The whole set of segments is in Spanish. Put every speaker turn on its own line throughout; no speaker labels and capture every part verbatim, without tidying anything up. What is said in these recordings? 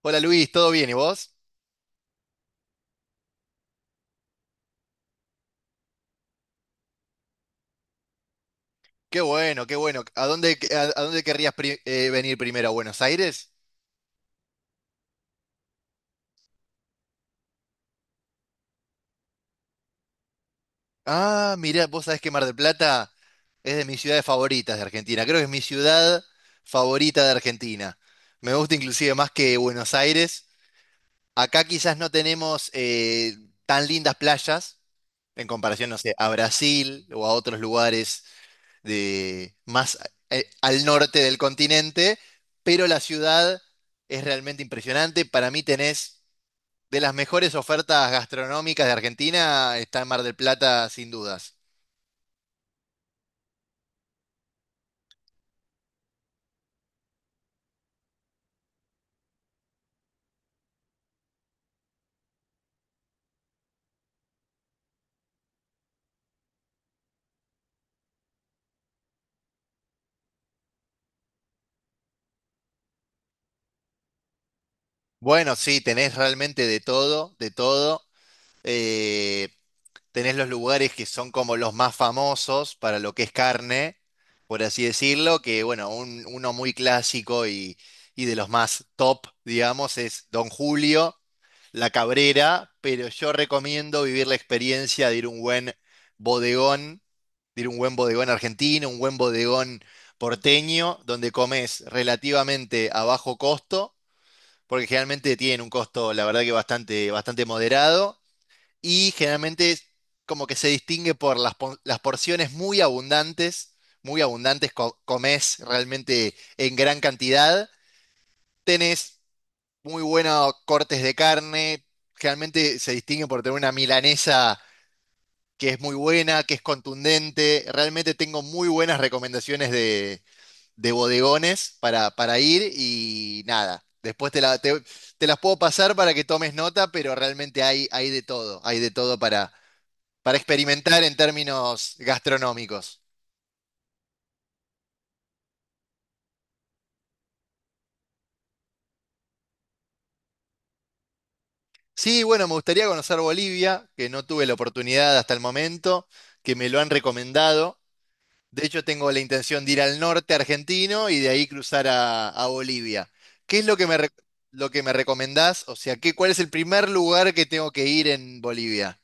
Hola Luis, ¿todo bien? ¿Y vos? Qué bueno, qué bueno. ¿A dónde, a, a dónde querrías pri- eh, venir primero? ¿A Buenos Aires? Ah, mirá, vos sabés que Mar del Plata es de mis ciudades favoritas de Argentina. Creo que es mi ciudad favorita de Argentina. Me gusta inclusive más que Buenos Aires. Acá quizás no tenemos eh, tan lindas playas en comparación, no sé, a Brasil o a otros lugares de más eh, al norte del continente, pero la ciudad es realmente impresionante. Para mí tenés de las mejores ofertas gastronómicas de Argentina, está en Mar del Plata sin dudas. Bueno, sí, tenés realmente de todo, de todo. Eh, Tenés los lugares que son como los más famosos para lo que es carne, por así decirlo, que bueno, un- uno muy clásico y, y de los más top, digamos, es Don Julio, La Cabrera, pero yo recomiendo vivir la experiencia de ir a un buen bodegón, de ir a un buen bodegón argentino, un buen bodegón porteño, donde comes relativamente a bajo costo, porque generalmente tienen un costo, la verdad que bastante, bastante moderado y generalmente es como que se distingue por las, po- las porciones muy abundantes, muy abundantes, co- comés realmente en gran cantidad, tenés muy buenos cortes de carne, generalmente se distingue por tener una milanesa que es muy buena, que es contundente, realmente tengo muy buenas recomendaciones de, de bodegones para, para ir y nada. Después te, la- te- te las puedo pasar para que tomes nota, pero realmente hay, hay de todo, hay de todo para experimentar en términos gastronómicos. Sí, bueno, me gustaría conocer Bolivia, que no tuve la oportunidad hasta el momento, que me lo han recomendado. De hecho, tengo la intención de ir al norte argentino y de ahí cruzar a, a Bolivia. ¿Qué es lo que me, re- lo que me recomendás? O sea, ¿qué, cuál es el primer lugar que tengo que ir en Bolivia?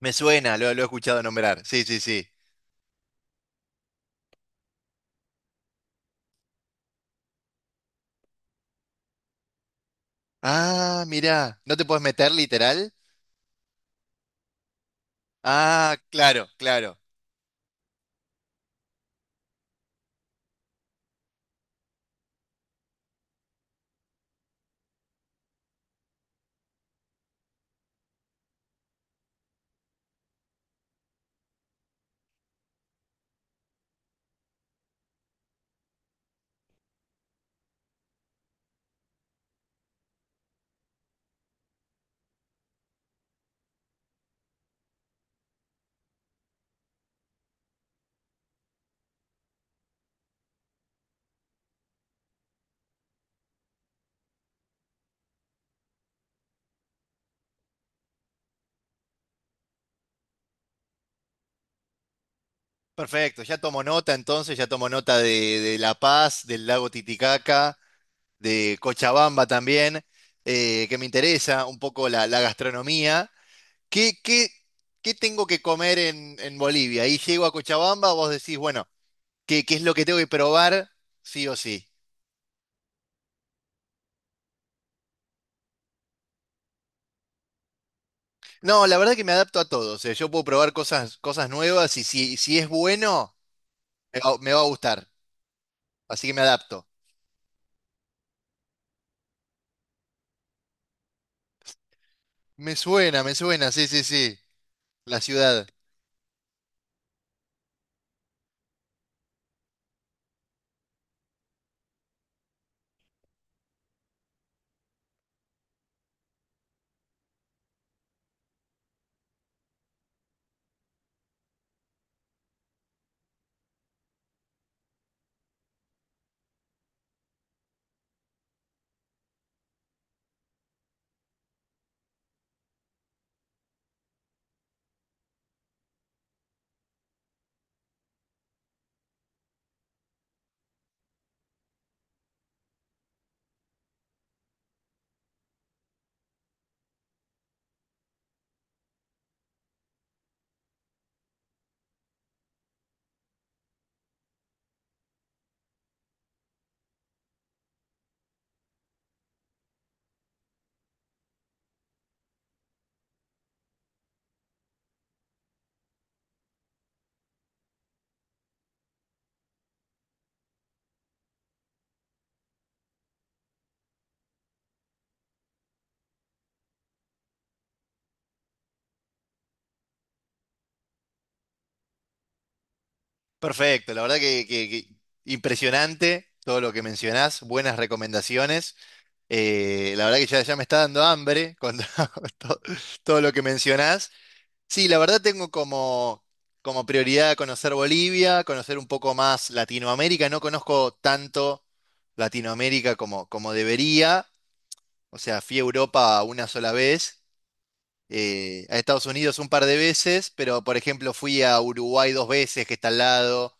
Me suena, lo, lo he escuchado nombrar. Sí, sí, sí. Ah, mirá, ¿no te puedes meter literal? Ah, claro, claro. Perfecto, ya tomo nota entonces, ya tomo nota de, de La Paz, del lago Titicaca, de Cochabamba también, eh, que me interesa un poco la, la gastronomía. ¿Qué, qué, qué tengo que comer en, en Bolivia? Ahí llego a Cochabamba, vos decís, bueno, ¿qué, qué es lo que tengo que probar sí o sí? No, la verdad que me adapto a todo, o sea, yo puedo probar cosas, cosas nuevas y si, si es bueno, me va, me va a gustar, así que me adapto. Me suena, me suena, sí, sí, sí, la ciudad. Perfecto, la verdad que, que- que impresionante todo lo que mencionás, buenas recomendaciones. Eh, la verdad que ya, ya me está dando hambre con to- todo lo que mencionás. Sí, la verdad tengo como, como prioridad conocer Bolivia, conocer un poco más Latinoamérica. No conozco tanto Latinoamérica como, como debería. O sea, fui a Europa una sola vez, eh, a Estados Unidos un par de veces, pero por ejemplo fui a Uruguay dos veces, que está al lado.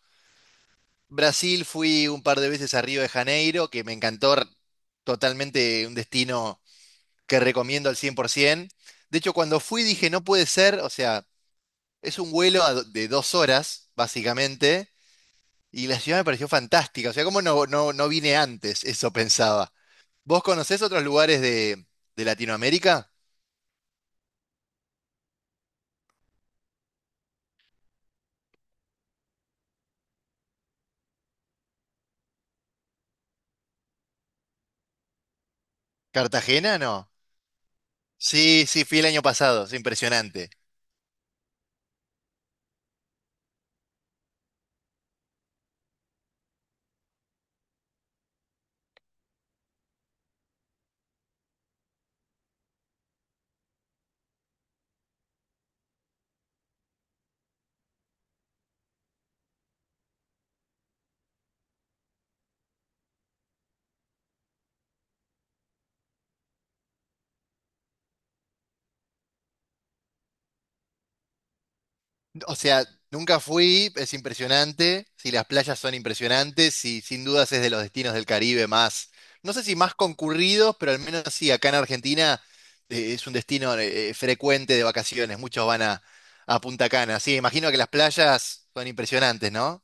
Brasil fui un par de veces a Río de Janeiro, que me encantó r- totalmente, un destino que recomiendo al cien por ciento. De hecho, cuando fui dije, no puede ser, o sea, es un vuelo a do- de dos horas, básicamente, y la ciudad me pareció fantástica, o sea, ¿cómo no, no, no vine antes? Eso pensaba. ¿Vos conocés otros lugares de, de Latinoamérica? ¿Cartagena? No. Sí, sí, fui el año pasado, es impresionante. O sea, nunca fui, es impresionante. Si las playas son impresionantes, y sin dudas es de los destinos del Caribe más, no sé si más concurridos, pero al menos sí, acá en Argentina eh, es un destino eh, frecuente de vacaciones. Muchos van a, a Punta Cana. Sí, imagino que las playas son impresionantes, ¿no?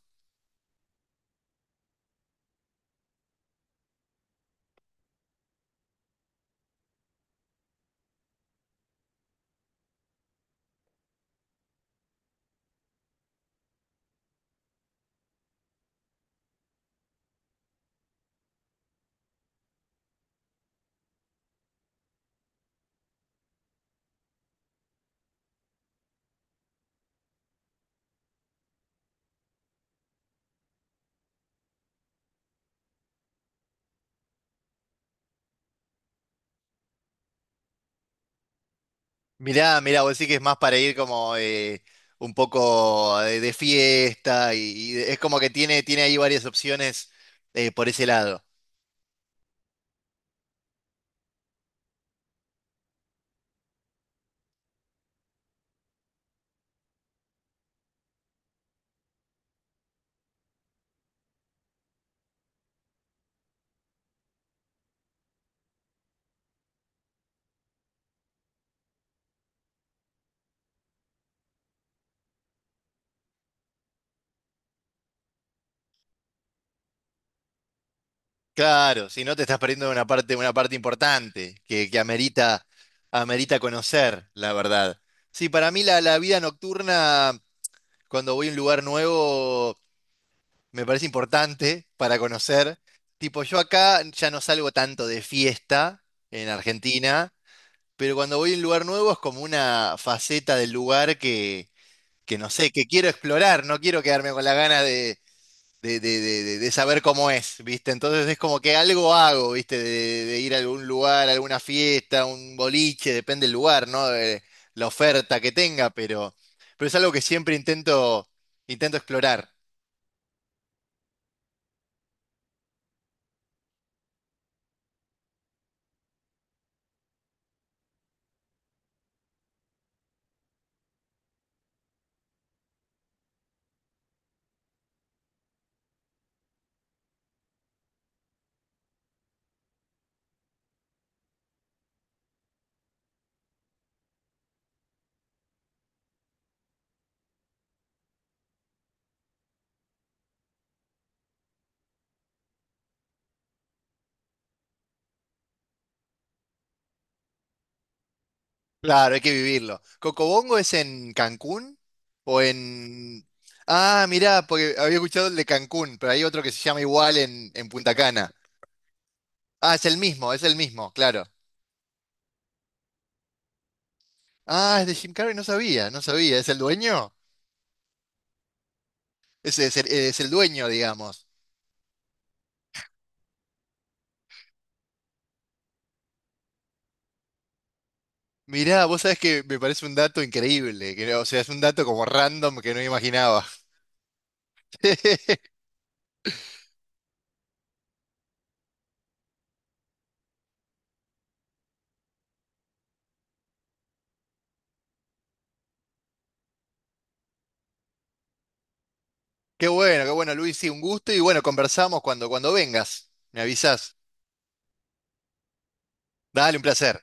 Mirá, mirá, vos decís que es más para ir como eh, un poco de, de fiesta y, y es como que tiene, tiene ahí varias opciones eh, por ese lado. Claro, si no te estás perdiendo una parte, una parte importante que, que amerita, amerita conocer, la verdad. Sí, para mí la, la vida nocturna, cuando voy a un lugar nuevo, me parece importante para conocer. Tipo, yo acá ya no salgo tanto de fiesta en Argentina, pero cuando voy a un lugar nuevo es como una faceta del lugar que, que no sé, que quiero explorar, no quiero quedarme con la gana de de, de- de- de- de saber cómo es, ¿viste? Entonces es como que algo hago, ¿viste? De, de ir a algún lugar, a alguna fiesta, un boliche, depende del lugar, ¿no? De la oferta que tenga, pero, pero es algo que siempre intento, intento explorar. Claro, hay que vivirlo. ¿Cocobongo es en Cancún o en... Ah, mirá, porque había escuchado el de Cancún, pero hay otro que se llama igual en, en Punta Cana. Ah, es el mismo, es el mismo, claro. Ah, es de Jim Carrey, no sabía, no sabía. ¿Es el dueño? Ese es el, es el dueño, digamos. Mirá, vos sabés que me parece un dato increíble, que, no- o sea, es un dato como random que no imaginaba. Qué bueno, qué bueno, Luis, sí, un gusto y bueno, conversamos cuando, cuando vengas. Me avisás. Dale, un placer.